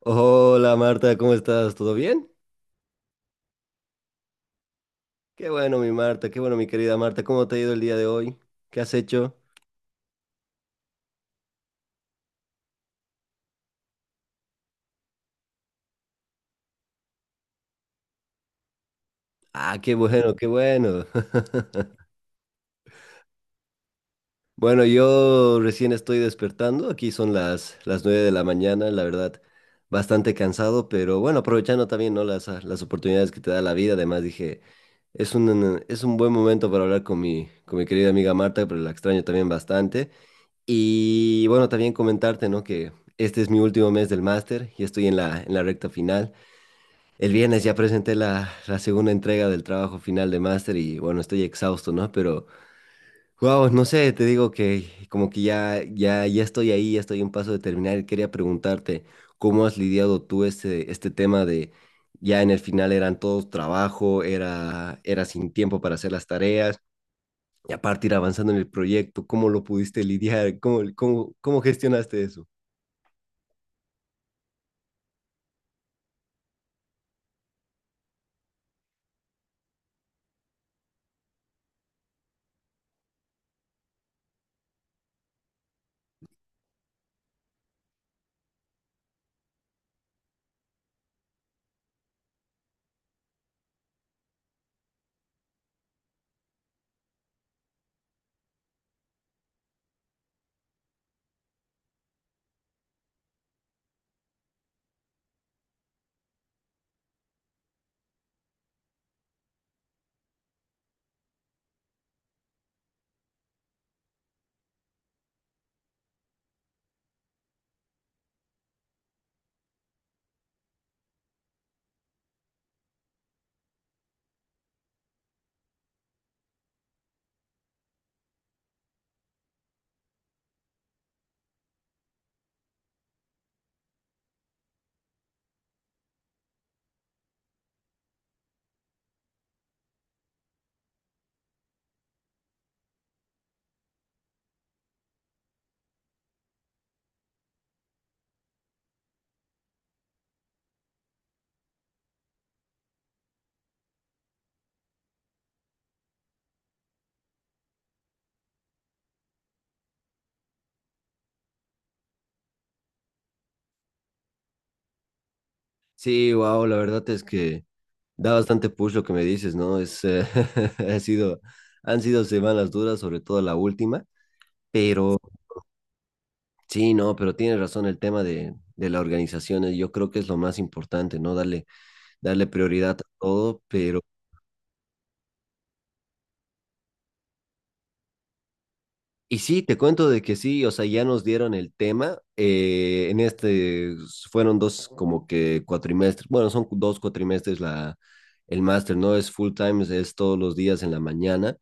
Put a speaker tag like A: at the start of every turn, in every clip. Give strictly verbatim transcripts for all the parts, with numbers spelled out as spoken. A: Hola Marta, ¿cómo estás? ¿Todo bien? Qué bueno mi Marta, qué bueno mi querida Marta, ¿cómo te ha ido el día de hoy? ¿Qué has hecho? Ah, qué bueno, qué bueno. Bueno, yo recién estoy despertando, aquí son las, las nueve de la mañana, la verdad, bastante cansado, pero bueno, aprovechando también, ¿no? Las, ah, las oportunidades que te da la vida, además dije, es un, es un buen momento para hablar con mi, con mi querida amiga Marta, pero la extraño también bastante. Y bueno, también comentarte, ¿no? Que este es mi último mes del máster y estoy en la, en la recta final. El viernes ya presenté la, la segunda entrega del trabajo final de máster y bueno, estoy exhausto, ¿no? Pero, wow, no sé, te digo que como que ya, ya, ya estoy ahí, ya estoy a un paso de terminar y quería preguntarte cómo has lidiado tú este, este tema de ya en el final eran todos trabajo, era, era sin tiempo para hacer las tareas y aparte ir avanzando en el proyecto, ¿cómo lo pudiste lidiar? ¿Cómo, cómo, ¿cómo gestionaste eso? Sí, wow, la verdad es que da bastante push lo que me dices, ¿no? Es, eh, ha sido, han sido semanas duras, sobre todo la última, pero sí, no, pero tienes razón el tema de, de la organización, eh, yo creo que es lo más importante, ¿no? Darle, darle prioridad a todo, pero y sí, te cuento de que sí, o sea, ya nos dieron el tema. Eh, en este fueron dos como que cuatrimestres, bueno, son dos cuatrimestres la, el máster, ¿no? Es full time, es, es todos los días en la mañana.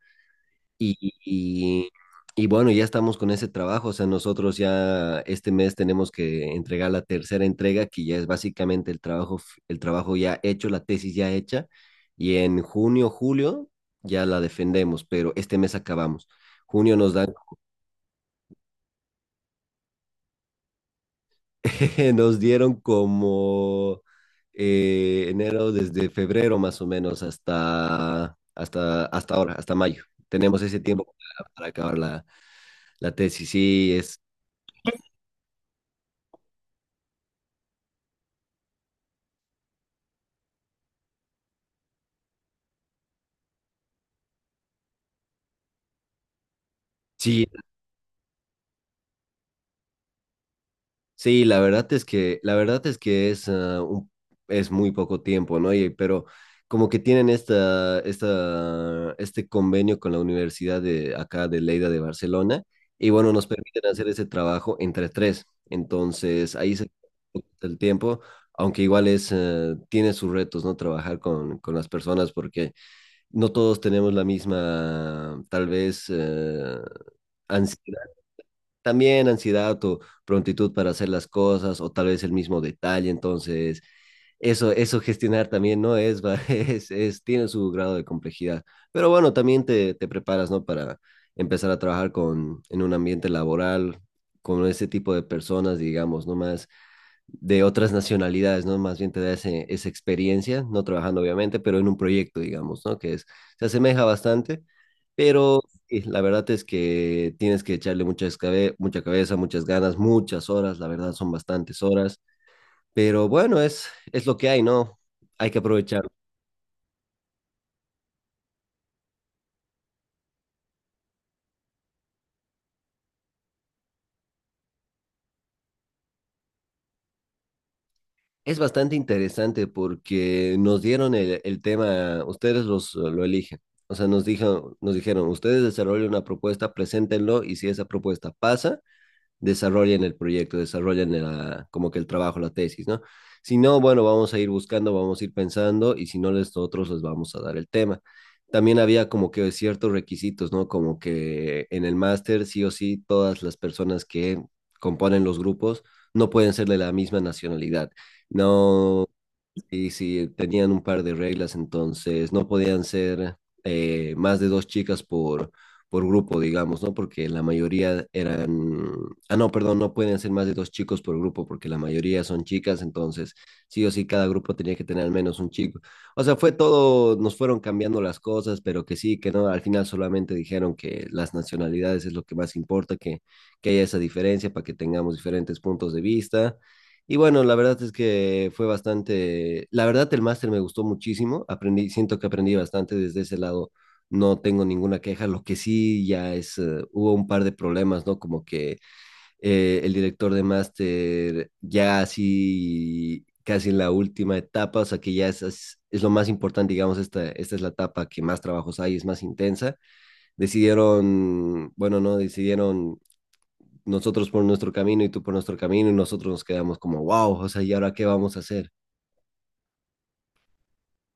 A: Y, y, y bueno, ya estamos con ese trabajo, o sea, nosotros ya este mes tenemos que entregar la tercera entrega, que ya es básicamente el trabajo, f- el trabajo ya hecho, la tesis ya hecha. Y en junio, julio ya la defendemos, pero este mes acabamos. Junio nos dan nos dieron como eh, enero, desde febrero más o menos hasta, hasta, hasta ahora, hasta mayo. Tenemos ese tiempo para para acabar la, la tesis. Sí, es, sí, sí, la verdad es que, la verdad es que es, ah, un- es muy poco tiempo, ¿no? Y, pero como que tienen esta, esta, este convenio con la Universidad de acá de Lleida de Barcelona, y bueno, nos permiten hacer ese trabajo entre tres. Entonces, ahí se el tiempo, aunque igual es, eh, tiene sus retos, ¿no? Trabajar con, con las personas porque no todos tenemos la misma, tal vez, eh, ansiedad también ansiedad o prontitud para hacer las cosas o tal vez el mismo detalle. Entonces, eso, eso gestionar también no es, va, es, es- tiene su grado de complejidad. Pero bueno, también te, te preparas, ¿no? Para empezar a trabajar con, en un ambiente laboral, con ese tipo de personas, digamos, no más de otras nacionalidades, ¿no? Más bien te da ese- esa experiencia, no trabajando obviamente, pero en un proyecto, digamos, ¿no? Que es, se asemeja bastante, pero sí, la verdad es que tienes que echarle mucha, escabe- mucha cabeza, muchas ganas, muchas horas, la verdad son bastantes horas, pero bueno, es, es lo que hay, ¿no? Hay que aprovechar. Es bastante interesante porque nos dieron el, el tema, ustedes los, lo eligen. O sea, nos dijo, nos dijeron, ustedes desarrollen una propuesta, preséntenlo y si esa propuesta pasa, desarrollen el proyecto, desarrollen la, como que el trabajo, la tesis, ¿no? Si no, bueno, vamos a ir buscando, vamos a ir pensando y si no, nosotros les vamos a dar el tema. También había como que ciertos requisitos, ¿no? Como que en el máster, sí o sí, todas las personas que componen los grupos no pueden ser de la misma nacionalidad. No, sí, sí, tenían un par de reglas, entonces no podían ser eh, más de dos chicas por, por grupo, digamos, ¿no? Porque la mayoría eran... Ah, no, perdón, no pueden ser más de dos chicos por grupo, porque la mayoría son chicas, entonces sí o sí cada grupo tenía que tener al menos un chico. O sea, fue todo, nos fueron cambiando las cosas, pero que sí, que no, al final solamente dijeron que las nacionalidades es lo que más importa, que, que haya esa diferencia para que tengamos diferentes puntos de vista y bueno, la verdad es que fue bastante, la verdad el máster me gustó muchísimo, aprendí, siento que aprendí bastante desde ese lado, no tengo ninguna queja, lo que sí ya es, eh, hubo un par de problemas, ¿no? Como que eh, el director de máster ya así, casi en la última etapa, o sea que ya es, es, es lo más importante, digamos, esta, esta es la etapa que más trabajos hay, es más intensa, decidieron, bueno, no, decidieron nosotros por nuestro camino y tú por nuestro camino y nosotros nos quedamos como, wow, o sea, ¿y ahora qué vamos a hacer?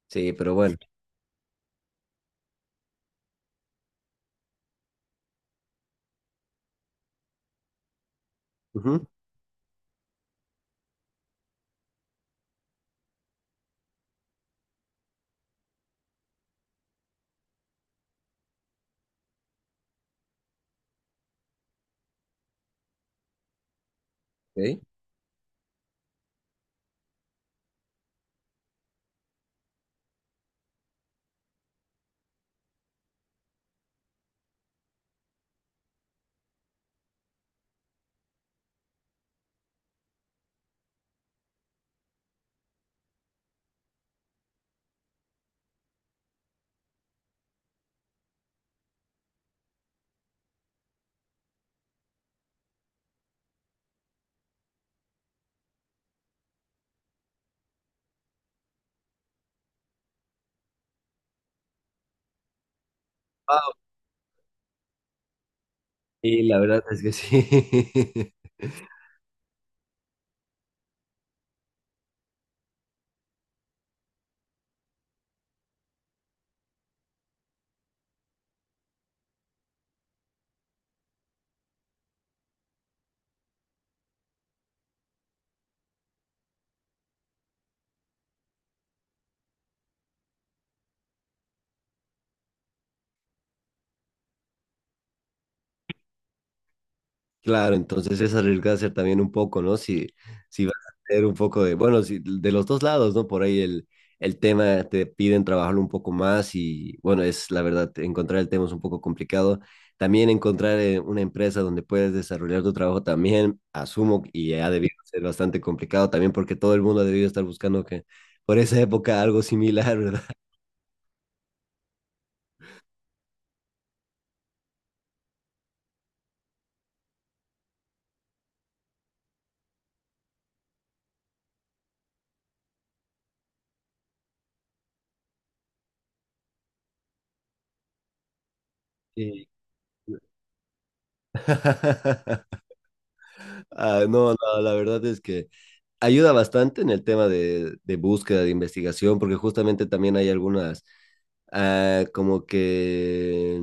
A: Sí, pero bueno. Ujú, ok. Wao. Y la verdad es que sí. Claro, entonces es arriesgarse también un poco, ¿no? Si, si vas a hacer un poco de, bueno, si, de los dos lados, ¿no? Por ahí el, el tema te piden trabajarlo un poco más y, bueno, es la verdad, encontrar el tema es un poco complicado. También encontrar eh, una empresa donde puedes desarrollar tu trabajo también, asumo, y ha debido ser bastante complicado también porque todo el mundo ha debido estar buscando que por esa época algo similar, ¿verdad? Y- ah, no, no, la verdad es que... ayuda bastante en el tema de, de búsqueda, de investigación, porque justamente también hay algunas, ah, como que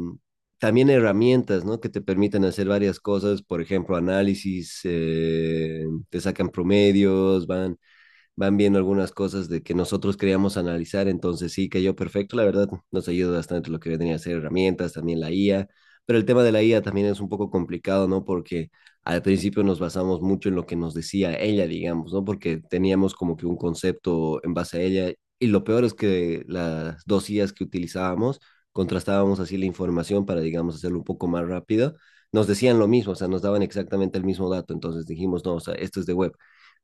A: también herramientas, ¿no? Que te permiten hacer varias cosas, por ejemplo, análisis, eh, te sacan promedios, van van viendo algunas cosas de que nosotros queríamos analizar, entonces sí cayó perfecto, la verdad nos ayuda bastante lo que venía a ser herramientas, también la I A, pero el tema de la I A también es un poco complicado, ¿no? Porque al principio nos basamos mucho en lo que nos decía ella, digamos, ¿no? Porque teníamos como que un concepto en base a ella y lo peor es que las dos I As que utilizábamos, contrastábamos así la información para, digamos, hacerlo un poco más rápido, nos decían lo mismo, o sea, nos daban exactamente el mismo dato, entonces dijimos, no, o sea, esto es de web,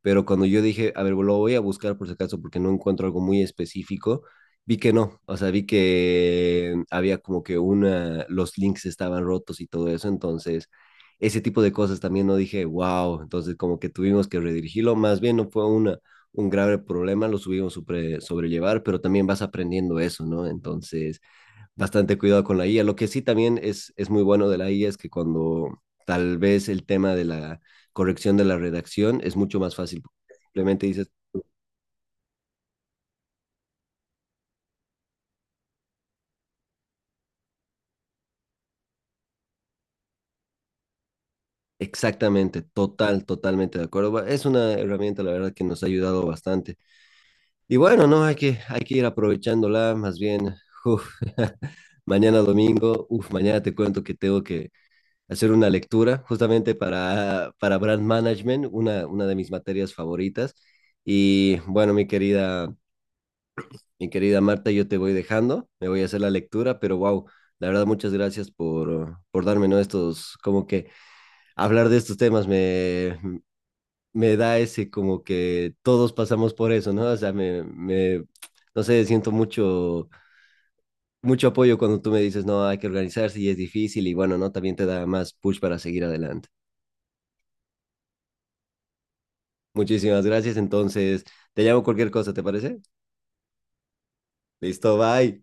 A: pero cuando yo dije, a ver, lo voy a buscar por si acaso porque no encuentro algo muy específico, vi que no, o sea, vi que había como que una, los links estaban rotos y todo eso, entonces ese tipo de cosas también no dije, wow, entonces como que tuvimos que redirigirlo, más bien no fue una, un grave problema, lo subimos sobre, sobrellevar, pero también vas aprendiendo eso, ¿no? Entonces bastante cuidado con la I A. Lo que sí también es, es muy bueno de la I A es que cuando tal vez el tema de la corrección de la redacción es mucho más fácil. Simplemente dices exactamente, total, totalmente de acuerdo. Bueno, es una herramienta, la verdad, que nos ha ayudado bastante. Y bueno, no, hay que, hay que ir aprovechándola, más bien. Uf, mañana domingo, uf, mañana te cuento que tengo que hacer una lectura justamente para, para Brand Management, una, una de mis materias favoritas. Y bueno, mi querida mi querida Marta, yo te voy dejando, me voy a hacer la lectura, pero wow, la verdad muchas gracias por, por darme, ¿no? Estos, como que hablar de estos temas me, me da ese como que todos pasamos por eso, ¿no? O sea, me, me, no sé, siento mucho, mucho apoyo cuando tú me dices, no, hay que organizarse y es difícil y bueno, ¿no? También te da más push para seguir adelante. Muchísimas gracias, entonces te llamo cualquier cosa, ¿te parece? Listo, bye.